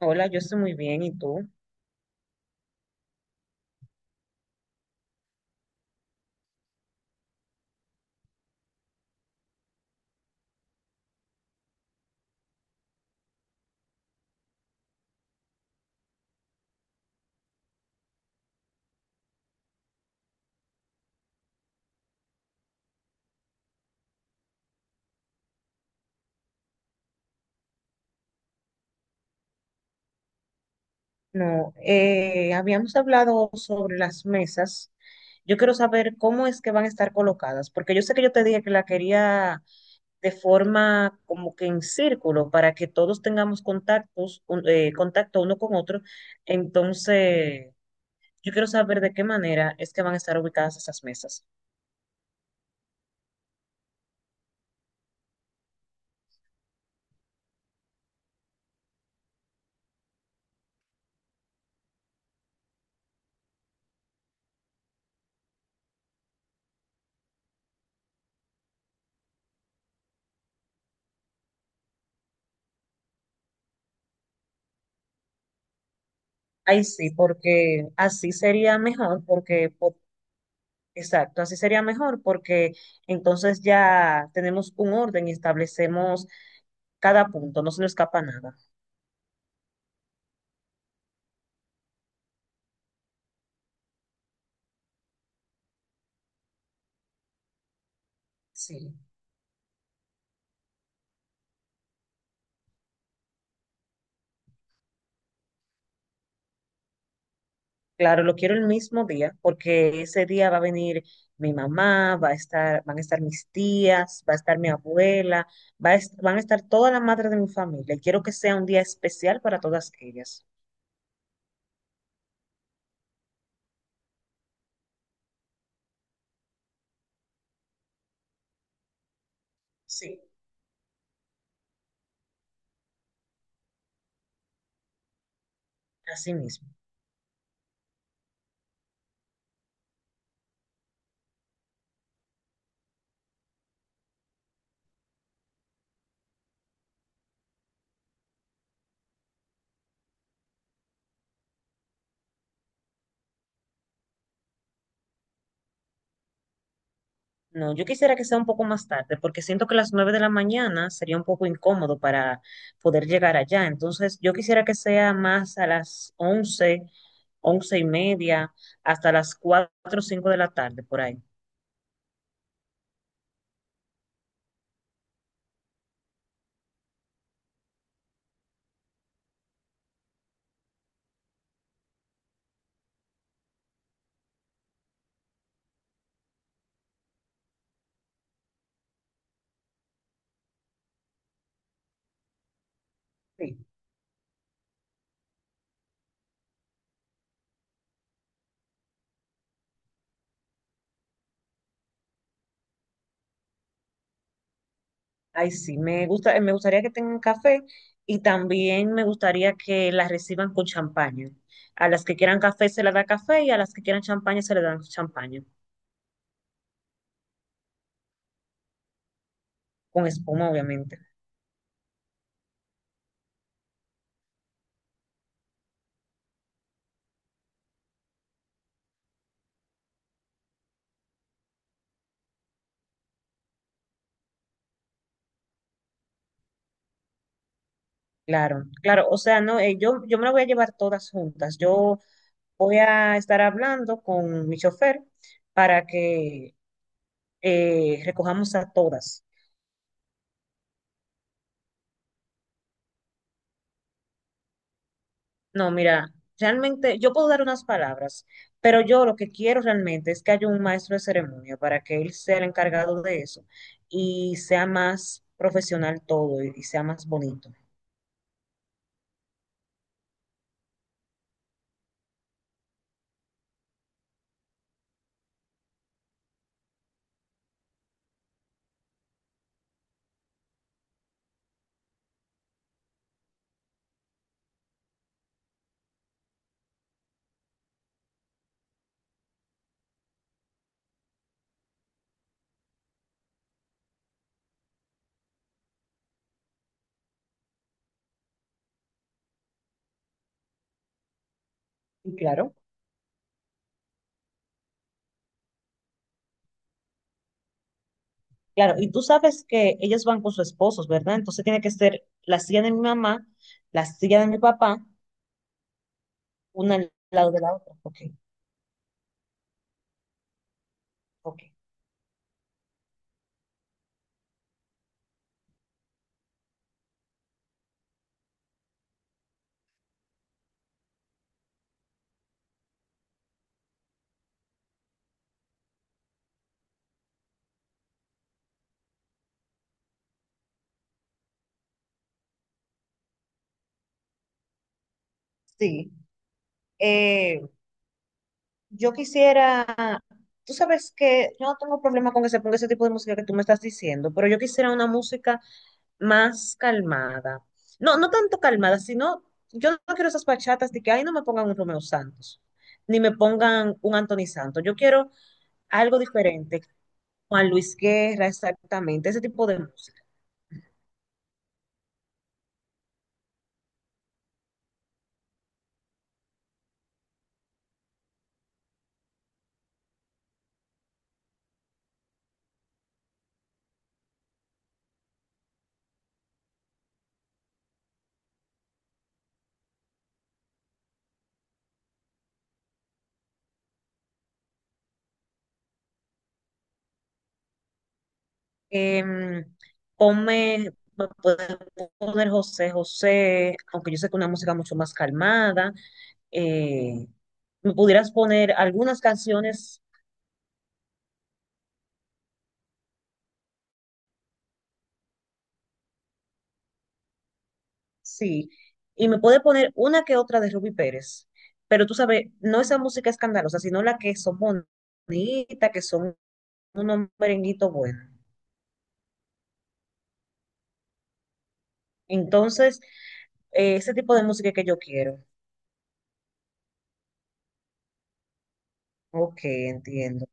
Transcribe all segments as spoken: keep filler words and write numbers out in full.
Hola, yo estoy muy bien, ¿y tú? No, eh, habíamos hablado sobre las mesas. Yo quiero saber cómo es que van a estar colocadas, porque yo sé que yo te dije que la quería de forma como que en círculo, para que todos tengamos contactos, un- eh, contacto uno con otro. Entonces, yo quiero saber de qué manera es que van a estar ubicadas esas mesas. Ahí sí, porque así sería mejor, porque. Exacto, así sería mejor porque entonces ya tenemos un orden y establecemos cada punto, no se nos escapa nada. Sí. Claro, lo quiero el mismo día porque ese día va a venir mi mamá, va a estar, van a estar mis tías, va a estar mi abuela, va a est- van a estar todas las madres de mi familia y quiero que sea un día especial para todas ellas. Sí. Así mismo. No, yo quisiera que sea un poco más tarde, porque siento que las nueve de la mañana sería un poco incómodo para poder llegar allá. Entonces, yo quisiera que sea más a las once, once y media, hasta las cuatro o cinco de la tarde, por ahí. Sí. Ay, sí, me gusta, eh, me gustaría que tengan café y también me gustaría que las reciban con champaña. A las que quieran café se les da café y a las que quieran champaña se les dan champaña, con espuma, obviamente. Claro, claro, o sea, no, eh, yo, yo me la voy a llevar todas juntas. Yo voy a estar hablando con mi chofer para que eh, recojamos a todas. No, mira, realmente yo puedo dar unas palabras, pero yo lo que quiero realmente es que haya un maestro de ceremonia para que él sea el encargado de eso y sea más profesional todo y, y sea más bonito. Y claro, claro. Y tú sabes que ellas van con sus esposos, ¿verdad? Entonces tiene que ser la silla de mi mamá, la silla de mi papá, una al lado de la otra. Ok, ok. Sí. Eh, Yo quisiera, tú sabes que yo no tengo problema con que se ponga ese tipo de música que tú me estás diciendo, pero yo quisiera una música más calmada. No, no tanto calmada, sino yo no quiero esas bachatas de que ahí no me pongan un Romeo Santos, ni me pongan un Anthony Santos. Yo quiero algo diferente, Juan Luis Guerra, exactamente, ese tipo de música. Em, ponme, me puede poner José José, aunque yo sé que es una música mucho más calmada, eh, me pudieras poner algunas canciones, sí, y me puede poner una que otra de Ruby Pérez, pero tú sabes, no esa música escandalosa, sino la que son bonitas, que son unos merenguitos buenos. Entonces, eh, ese tipo de música que yo quiero. Ok, entiendo.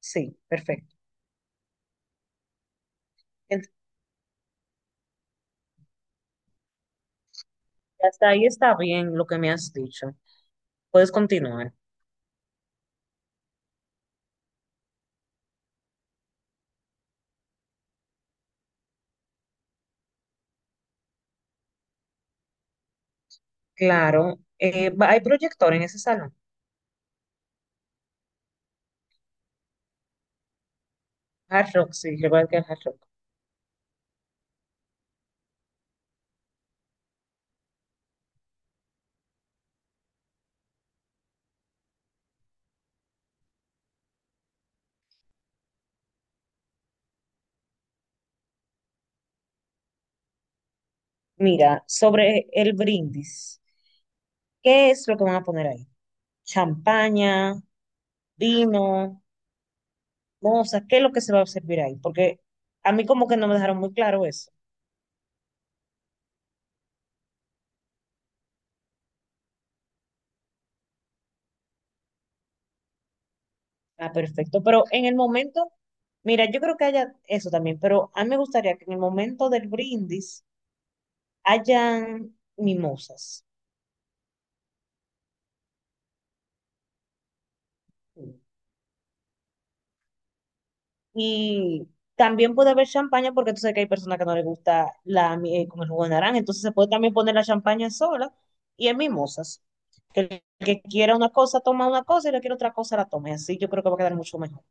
Sí, perfecto. Ent- Hasta ahí está bien lo que me has dicho. Puedes continuar. Claro, eh, va- hay proyector en ese salón. Hard Rock, sí, recuerda que es Hard Rock. Mira, sobre el brindis, ¿qué es lo que van a poner ahí? Champaña, vino, mozas, ¿qué es lo que se va a servir ahí? Porque a mí como que no me dejaron muy claro eso. Ah, perfecto. Pero en el momento, mira, yo creo que haya eso también, pero a mí me gustaría que en el momento del brindis hayan mimosas. Y también puede haber champaña porque tú sabes que hay personas que no les gusta la miel con el jugo de naranja. Entonces se puede también poner la champaña sola y en mimosas. Que el que quiera una cosa toma una cosa y el que quiera otra cosa la tome. Así yo creo que va a quedar mucho mejor.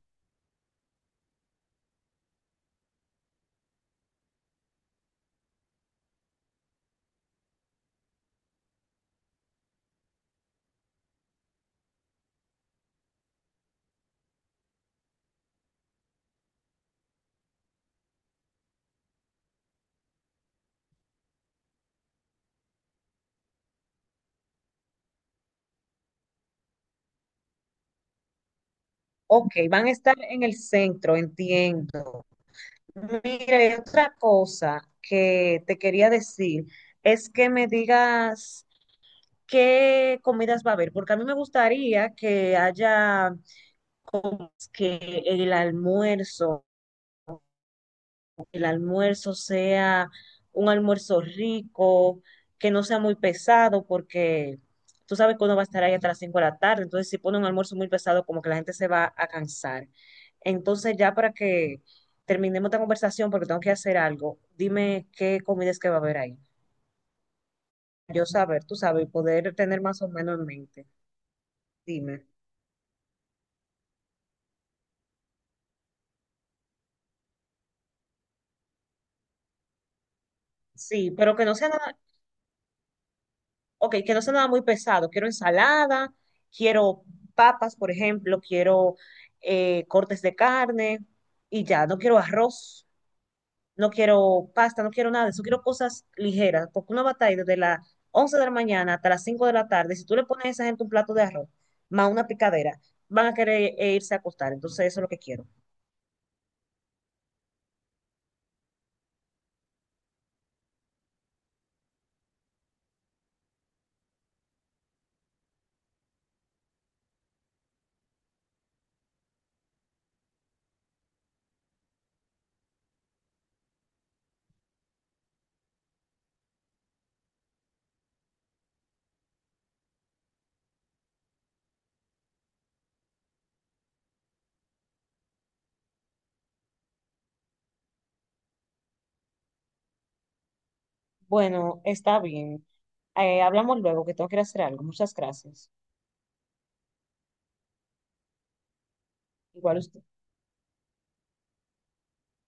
Ok, van a estar en el centro, entiendo. Mira, y otra cosa que te quería decir es que me digas qué comidas va a haber, porque a mí me gustaría que haya como que el almuerzo el almuerzo sea un almuerzo rico, que no sea muy pesado, porque tú sabes que uno va a estar ahí hasta las cinco de la tarde, entonces si pone un almuerzo muy pesado, como que la gente se va a cansar. Entonces ya para que terminemos esta conversación, porque tengo que hacer algo, dime qué comidas que va a haber ahí. Yo saber, tú sabes, y poder tener más o menos en mente. Dime. Sí, pero que no sea nada, ok, que no sea nada muy pesado, quiero ensalada, quiero papas, por ejemplo, quiero eh, cortes de carne y ya, no quiero arroz, no quiero pasta, no quiero nada de eso, quiero cosas ligeras, porque una batalla desde las once de la mañana hasta las cinco de la tarde, si tú le pones a esa gente un plato de arroz más una picadera, van a querer eh, irse a acostar, entonces eso es lo que quiero. Bueno, está bien. Eh, hablamos luego, que tengo que ir a hacer algo. Muchas gracias. Igual usted.